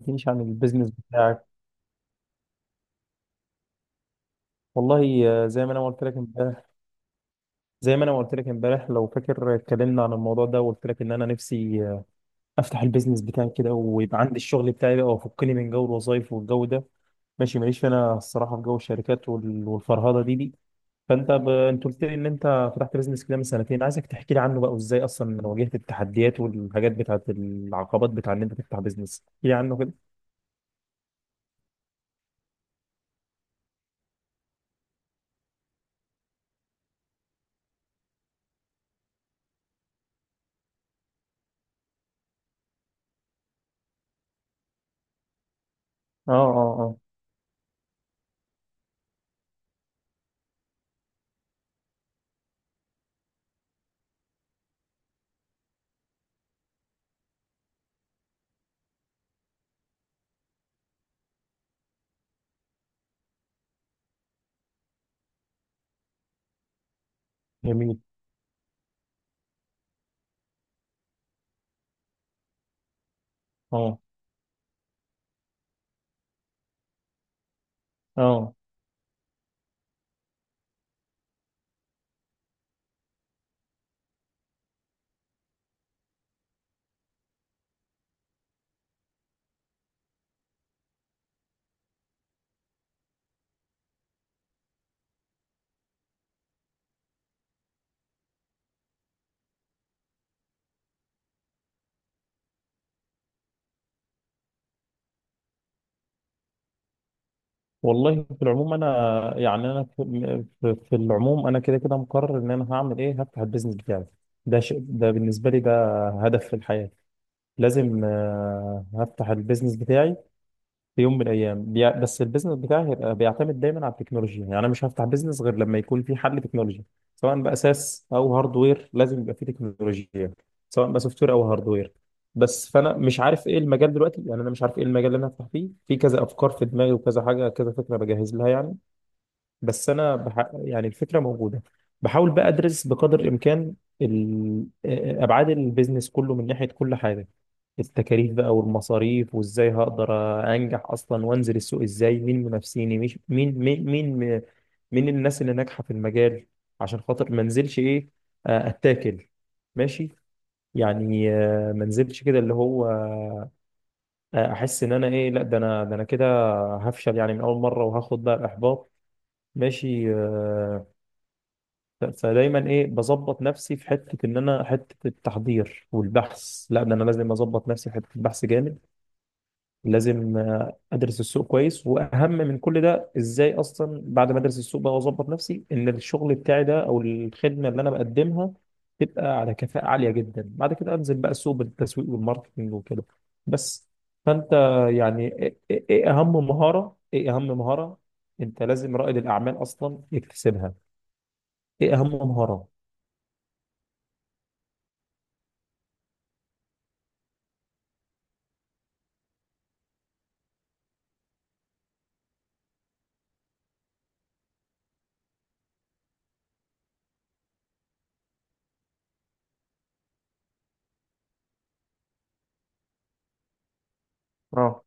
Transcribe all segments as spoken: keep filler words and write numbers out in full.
تحكيليش عن البيزنس بتاعك. والله آه، زي ما انا قلت لك امبارح زي ما انا قلت لك امبارح لو فاكر، آه، اتكلمنا عن الموضوع ده وقلت لك ان انا نفسي، آه، افتح البيزنس بتاعي كده ويبقى عندي الشغل بتاعي بقى وافكني من جو الوظايف والجو ده. ماشي، ماليش انا الصراحه في جو الشركات وال- والفرهده دي دي. فانت ب... انت قلت لي ان انت فتحت بيزنس كده من سنتين، عايزك تحكي لي عنه بقى وازاي اصلا واجهت التحديات والحاجات بتاعت العقبات بتاع ان انت تفتح بيزنس، احكي لي عنه كده. اه، اه، اه. جميل. اه، اه. والله في العموم انا، يعني انا في في في العموم انا كده كده مقرر ان انا هعمل ايه، هفتح البيزنس بتاعي. ده شيء، ده بالنسبه لي ده هدف في الحياه. لازم آه، هفتح البيزنس بتاعي في يوم من الايام. بيع- بس البيزنس بتاعي هيبقى بيعتمد دايما على التكنولوجيا، يعني انا مش هفتح بيزنس غير لما يكون في حل تكنولوجي. سواء باساس او هاردوير لازم يبقى في تكنولوجيا، سواء بقى سوفت وير او هاردوير. بس فانا مش عارف ايه المجال دلوقتي، يعني انا مش عارف ايه المجال اللي انا هفتح فيه. في كذا افكار في دماغي وكذا حاجه كذا فكره بجهز لها يعني. بس انا بح... يعني الفكره موجوده، بحاول بقى ادرس بقدر الامكان ال- آه، ابعاد البيزنس كله من ناحيه كل حاجه. التكاليف بقى والمصاريف، وازاي هقدر انجح اصلا وانزل السوق ازاي، مين منافسيني، مش مين مين مين مين الناس اللي ناجحه في المجال، عشان خاطر ما انزلش ايه آه، اتاكل. ماشي، يعني آه، ما انزلش كده اللي هو آه، احس ان انا ايه، لا ده انا ده انا كده هفشل يعني من اول مره وهاخد بقى الاحباط. ماشي آه، ف- فدايما ايه، بظبط نفسي في حته ان انا، حته التحضير والبحث، لا ده انا لازم اظبط نفسي في حته البحث جامد. لازم آه، ادرس السوق كويس، واهم من كل ده ازاي اصلا بعد ما ادرس السوق بقى واظبط نفسي ان الشغل بتاعي ده او الخدمه اللي انا بقدمها تبقى على كفاءه عاليه جدا، بعد كده انزل بقى السوق بالتسويق والماركتنج وكده. بس. فانت يعني ايه، إيه- إيه اهم مهاره، ايه اهم مهاره انت لازم رائد الاعمال اصلا يكتسبها، ايه اهم مهاره؟ اه،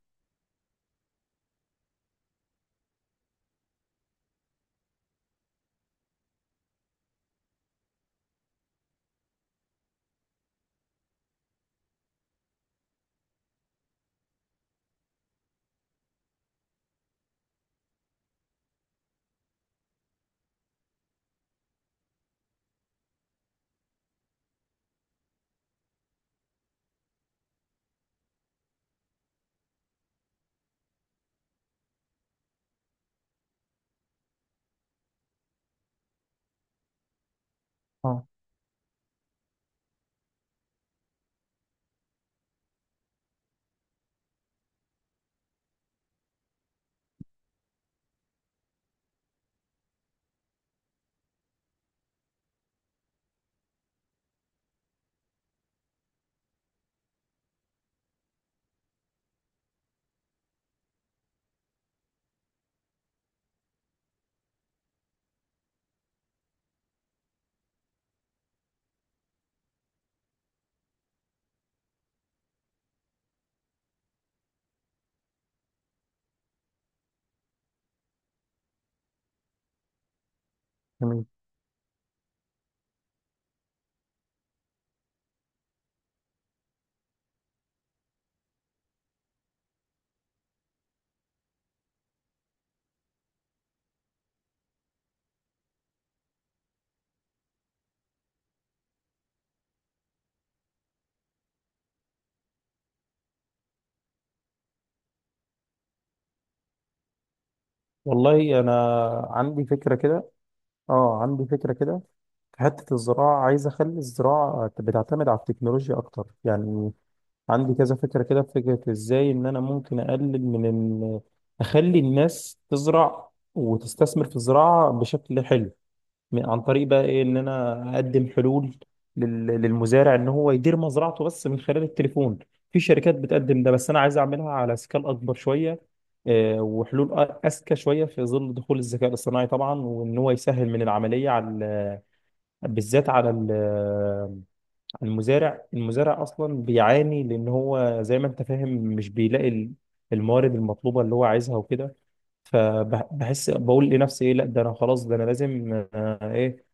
اه. جميل. والله انا عندي فكره كده. اه عندي فكره كده، في حته الزراعه. عايز اخلي الزراعه بتعتمد على التكنولوجيا اكتر يعني. عندي كذا فكره كده، في فكره ازاي ان انا ممكن اقلل من، ان اخلي الناس تزرع وتستثمر في الزراعه بشكل حلو. م- عن طريق بقى ايه، ان انا اقدم حلول لل- للمزارع ان هو يدير مزرعته بس من خلال التليفون. في شركات بتقدم ده، بس انا عايز اعملها على سكال اكبر شويه، آه، وحلول أ- اذكى شويه في ظل دخول الذكاء الاصطناعي طبعا، وان هو يسهل من العمليه على ال- بالذات على ال- على المزارع. المزارع اصلا بيعاني لان هو زي ما انت فاهم مش بيلاقي ال- الموارد المطلوبه اللي هو عايزها وكده. فبحس بقول لنفسي ايه، لا ده انا خلاص ده انا لازم آه، ايه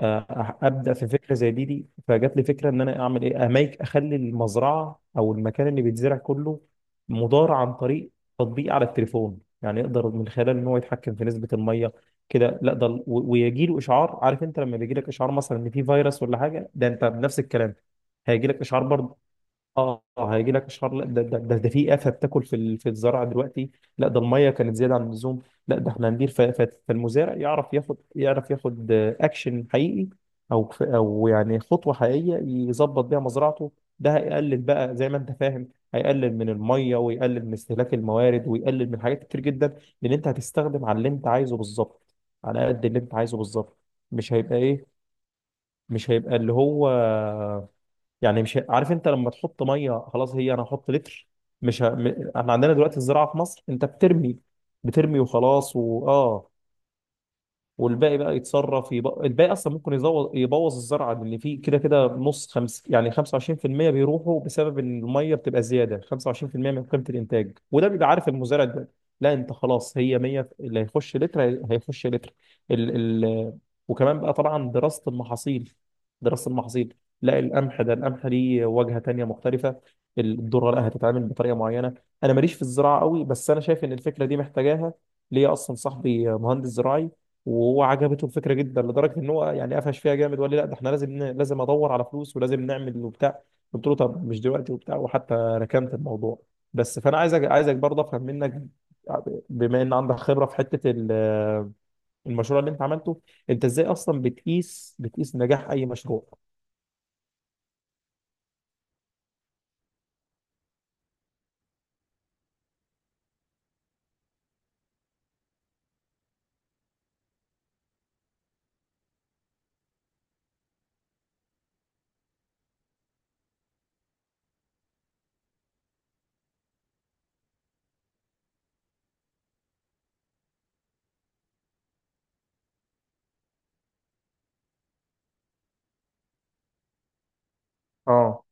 آه، ابدا في فكره زي دي دي. فجات لي فكره ان انا اعمل ايه، اميك اخلي المزرعه او المكان اللي بيتزرع كله مدار عن طريق تطبيق على التليفون، يعني يقدر من خلاله ان هو يتحكم في نسبه الميه كده. لا ده ال- و- ويجي له اشعار. عارف انت لما بيجي لك اشعار مثلا ان في فيروس ولا حاجه، ده انت بنفس الكلام هيجي لك اشعار برضه. اه هيجي لك اشهار، لا ده ده ده, ده في افه بتاكل في ال- في الزراعه دلوقتي. لا ده الميه كانت زياده عن اللزوم. لا ده احنا هندير ف- ف- فالمزارع يعرف ياخد، يعرف ياخد اكشن حقيقي، او ف- او يعني خطوه حقيقيه يظبط بيها مزرعته. ده هيقلل بقى زي ما انت فاهم، هيقلل من الميه ويقلل من استهلاك الموارد ويقلل من حاجات كتير جدا. لان انت هتستخدم على اللي انت عايزه بالظبط، على قد اللي انت عايزه بالظبط. مش هيبقى ايه، مش هيبقى اللي هو يعني مش عارف انت لما تحط ميه خلاص، هي انا هحط لتر. مش ه... م- احنا عندنا دلوقتي الزراعه في مصر انت بترمي، بترمي وخلاص واه، والباقي بقى يتصرف. يب... الباقي اصلا ممكن يزو- يبوظ الزرعه اللي فيه كده كده نص خمس، يعني خمسة وعشرين في المية بيروحوا بسبب ان الميه بتبقى زياده خمسة وعشرين في المية من قيمه الانتاج، وده بيبقى عارف المزارع ده. لا انت خلاص، هي مية اللي هيخش لتر هي- هيخش لتر. ال... ال... وكمان بقى طبعا دراسه المحاصيل، دراسه المحاصيل لا القمح ده، القمح ليه واجهه تانيه مختلفه. الذره لا هتتعامل بطريقه معينه. انا ماليش في الزراعه قوي، بس انا شايف ان الفكره دي محتاجاها. ليا اصلا صاحبي مهندس زراعي وهو عجبته الفكره جدا لدرجه ان هو يعني قفش فيها جامد وقال لي لا ده احنا لازم ن- لازم ادور على فلوس ولازم نعمل وبتاع. قلت له طب مش دلوقتي وبتاع، وحتى ركنت الموضوع. بس فانا عايزك عايزك برضه افهم منك بما ان عندك خبره في حته ال- المشروع اللي انت عملته. انت ازاي اصلا بتقيس بتقيس نجاح اي مشروع؟ اه،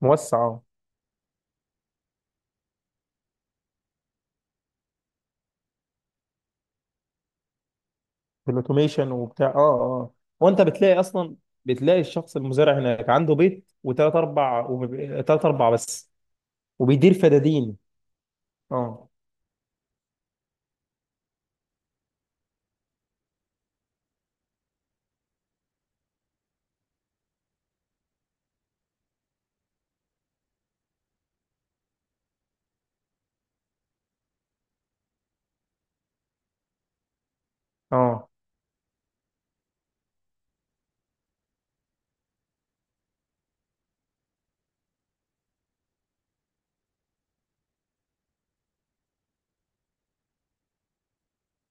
موسع اه. بالاوتوميشن وبتاع، اه اه. وانت بتلاقي اصلا، بتلاقي الشخص المزارع هناك عنده بيت وثلاث اربع وب- تلات اربع بس، وبيدير فدادين. اه، اه،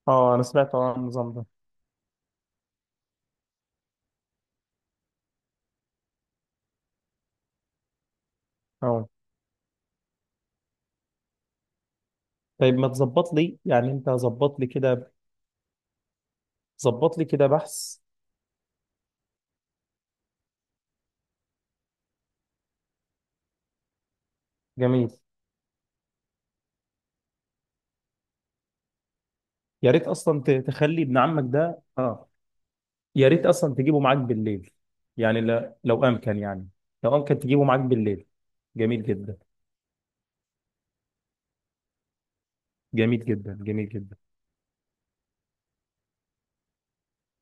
اه. انا سمعت عن النظام ده. اه، طيب ما تظبط لي، يعني انت ظبط لي كده، ظبط لي كده بحث. جميل. يا ريت اصلا ت- تخلي ابن عمك ده اه. يا ريت اصلا تجيبه معاك بالليل، يعني لا- لو امكن يعني، لو امكن تجيبه معاك بالليل. جميل جدا. جميل جدا، جميل جدا.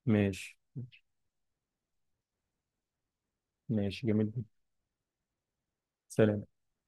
ماشي. ماشي، جميل جدا. سلام.